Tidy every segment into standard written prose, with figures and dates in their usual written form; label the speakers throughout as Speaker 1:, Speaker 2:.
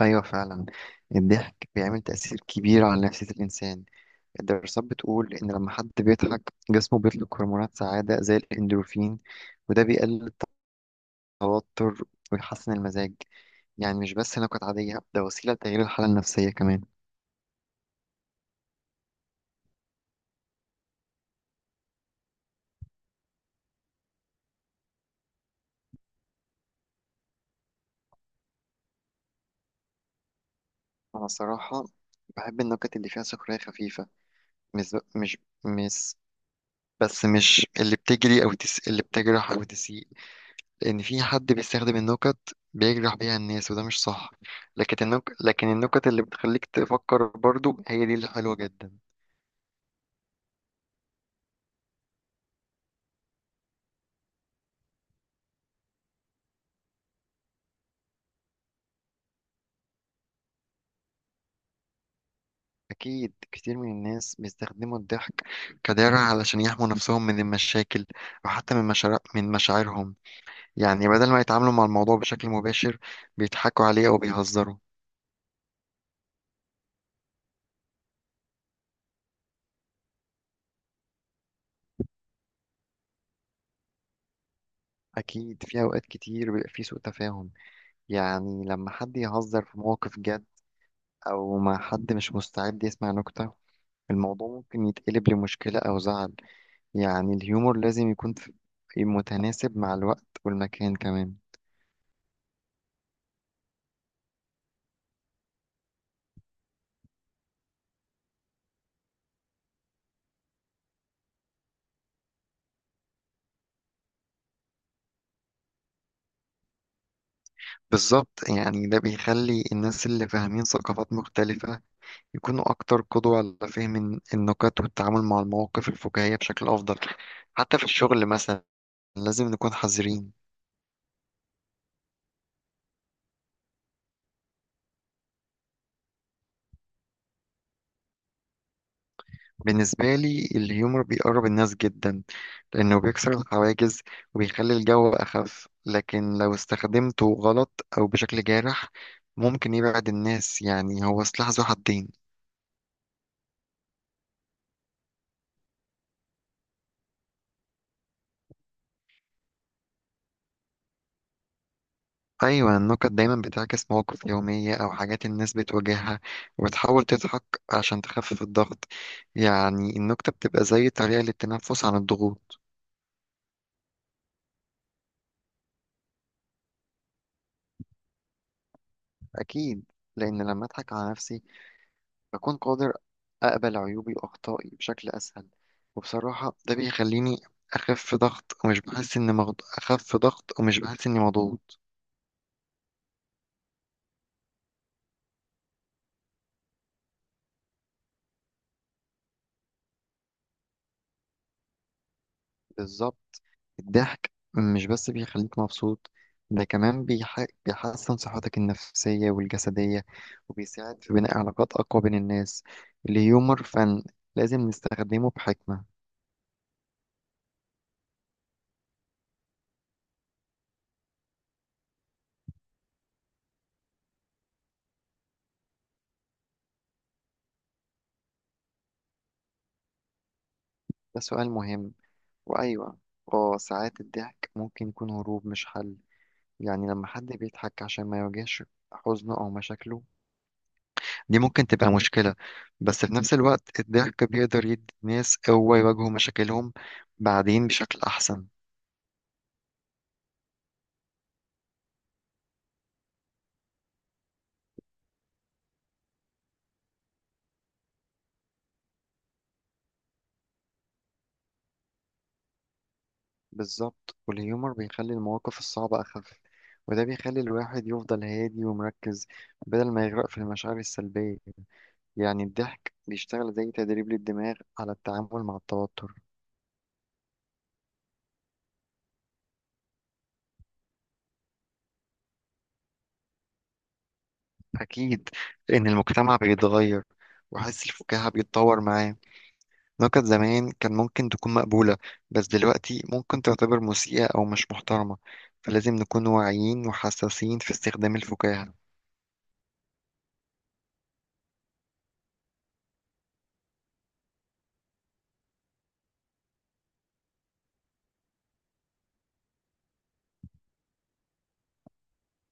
Speaker 1: أيوة، فعلا. الضحك بيعمل تأثير كبير على نفسية الإنسان. الدراسات بتقول إن لما حد بيضحك جسمه بيطلق هرمونات سعادة زي الإندورفين، وده بيقلل التوتر ويحسن المزاج. يعني مش بس نكت عادية، ده وسيلة لتغيير الحالة النفسية كمان. أنا صراحة بحب النكت اللي فيها سخرية خفيفة. مش مش مش بس مش اللي بتجرح أو تسيء. لأن في حد بيستخدم النكت بيجرح بيها الناس، وده مش صح. لكن النكت اللي بتخليك تفكر برضو هي دي اللي حلوة جدا. أكيد كتير من الناس بيستخدموا الضحك كدرع علشان يحموا نفسهم من المشاكل، أو حتى من مشاعرهم. يعني بدل ما يتعاملوا مع الموضوع بشكل مباشر، بيضحكوا عليه أو بيهزروا. أكيد في أوقات كتير بيبقى في سوء تفاهم. يعني لما حد يهزر في مواقف جد أو مع حد مش مستعد يسمع نكتة، الموضوع ممكن يتقلب لمشكلة أو زعل. يعني الهيومور لازم يكون متناسب مع الوقت والمكان كمان. بالظبط، يعني ده بيخلي الناس اللي فاهمين ثقافات مختلفة يكونوا أكتر قدوة على فهم النكت والتعامل مع المواقف الفكاهية بشكل أفضل. حتى في الشغل مثلا لازم نكون حذرين. بالنسبة لي، الهيومر بيقرب الناس جدا لأنه بيكسر الحواجز وبيخلي الجو أخف. لكن لو استخدمته غلط أو بشكل جارح ممكن يبعد الناس. يعني هو سلاح ذو حدين. أيوة، النكت دايما بتعكس مواقف يومية أو حاجات الناس بتواجهها، وبتحاول تضحك عشان تخفف الضغط. يعني النكتة بتبقى زي طريقة للتنفس عن الضغوط. أكيد. لأن لما أضحك على نفسي بكون قادر أقبل عيوبي وأخطائي بشكل أسهل. وبصراحة ده بيخليني أخف ضغط ومش بحس إني مضغوط. بالظبط، الضحك مش بس بيخليك مبسوط، ده كمان بيحسن صحتك النفسية والجسدية، وبيساعد في بناء علاقات أقوى بين الناس. الهيومر فن، لازم نستخدمه بحكمة. ده سؤال مهم. وأيوة، اه ساعات الضحك ممكن يكون هروب مش حل. يعني لما حد بيضحك عشان ما يواجهش حزنه أو مشاكله، دي ممكن تبقى مشكلة. بس في نفس الوقت الضحك بيقدر يدي الناس قوة يواجهوا مشاكلهم بعدين بشكل أحسن. بالظبط، والهيومر بيخلي المواقف الصعبة أخف، وده بيخلي الواحد يفضل هادي ومركز بدل ما يغرق في المشاعر السلبية. يعني الضحك بيشتغل زي تدريب للدماغ على التعامل مع التوتر. أكيد. لأن المجتمع بيتغير وحس الفكاهة بيتطور معاه. نكت زمان كان ممكن تكون مقبولة، بس دلوقتي ممكن تعتبر مسيئة أو مش محترمة. فلازم نكون واعيين وحساسين في استخدام الفكاهة.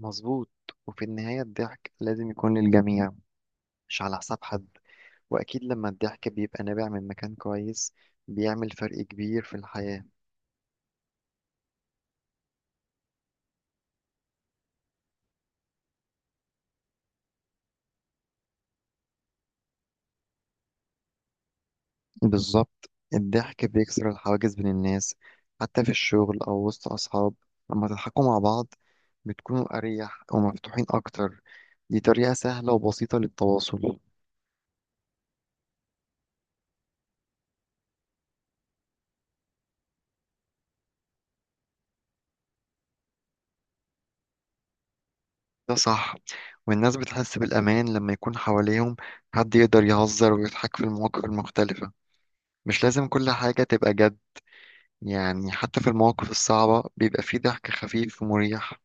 Speaker 1: مظبوط. وفي النهاية الضحك لازم يكون للجميع، مش على حساب حد. وأكيد لما الضحك بيبقى نابع من مكان كويس بيعمل فرق كبير في الحياة. بالظبط، الضحك بيكسر الحواجز بين الناس، حتى في الشغل أو وسط أصحاب. لما تضحكوا مع بعض بتكونوا أريح ومفتوحين أكتر. دي طريقة سهلة وبسيطة للتواصل. ده صح. والناس بتحس بالأمان لما يكون حواليهم حد يقدر يهزر ويضحك في المواقف المختلفة. مش لازم كل حاجة تبقى جد. يعني حتى في المواقف الصعبة بيبقى فيه ضحك خفيف ومريح.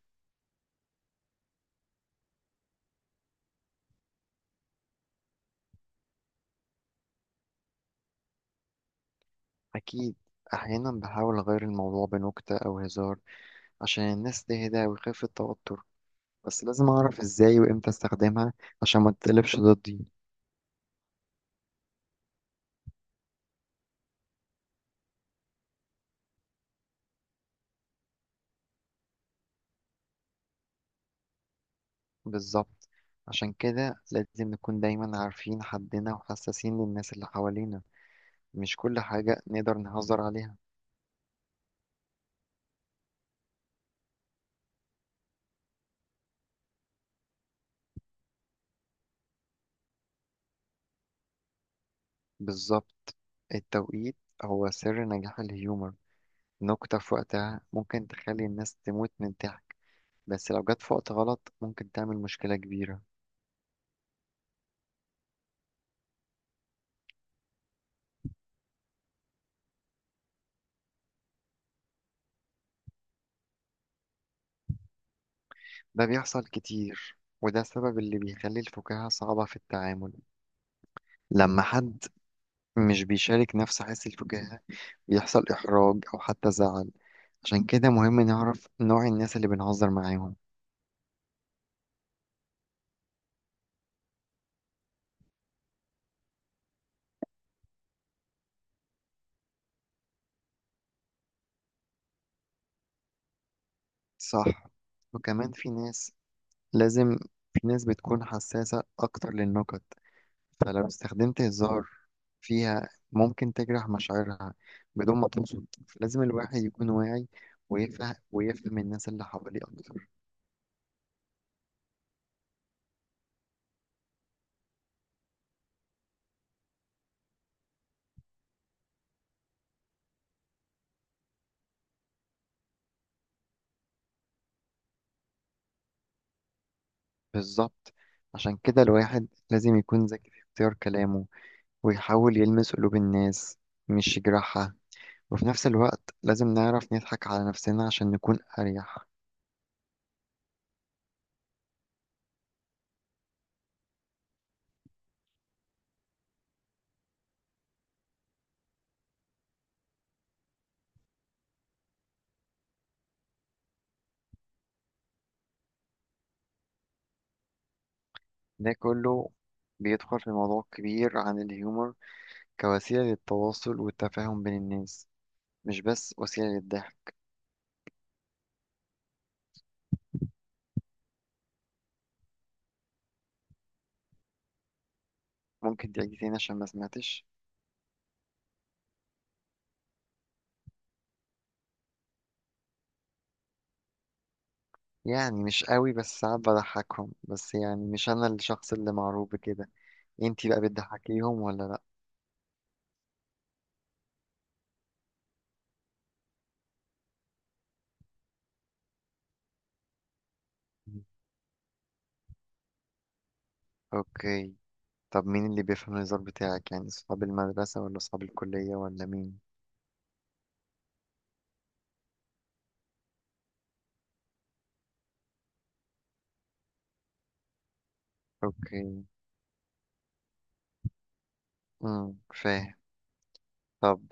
Speaker 1: أكيد. أحيانا بحاول أغير الموضوع بنكتة أو هزار عشان الناس تهدى ويخف التوتر. بس لازم أعرف إزاي وإمتى أستخدمها عشان ما تتقلبش ضدي. بالظبط، عشان كده لازم نكون دايما عارفين حدنا وحساسين للناس اللي حوالينا. مش كل حاجة نقدر نهزر عليها. بالظبط، التوقيت هو سر نجاح الهيومر. نكتة في وقتها ممكن تخلي الناس تموت من الضحك، بس لو جت في وقت غلط ممكن تعمل مشكلة كبيرة. ده بيحصل كتير، وده السبب اللي بيخلي الفكاهة صعبة في التعامل. لما حد مش بيشارك نفس حس الفكاهة يحصل إحراج أو حتى زعل. عشان كده مهم نعرف نوع الناس اللي بنهزر معاهم. صح. وكمان لازم في ناس بتكون حساسة أكتر للنكت، فلو استخدمت هزار فيها ممكن تجرح مشاعرها بدون ما تقصد. فلازم الواحد يكون واعي ويفهم الناس اللي حواليه أكتر. بالظبط، عشان كده الواحد لازم يكون ذكي في اختيار كلامه، ويحاول يلمس قلوب الناس مش يجرحها. وفي نفس الوقت لازم نعرف نضحك على نفسنا عشان نكون أريح. ده كله بيدخل في موضوع كبير عن الهيومر كوسيلة للتواصل والتفاهم بين الناس، مش بس وسيلة للضحك. ممكن تعيد تاني عشان ما سمعتش؟ يعني مش قوي، بس ساعات بضحكهم بس. يعني مش أنا الشخص اللي معروف بكده. انتي بقى بتضحكيهم ولا لأ؟ مم. اوكي. طب مين اللي بيفهم الهزار بتاعك؟ يعني صحاب المدرسة ولا صحاب الكلية ولا مين؟ اوكي. فاهم. طب.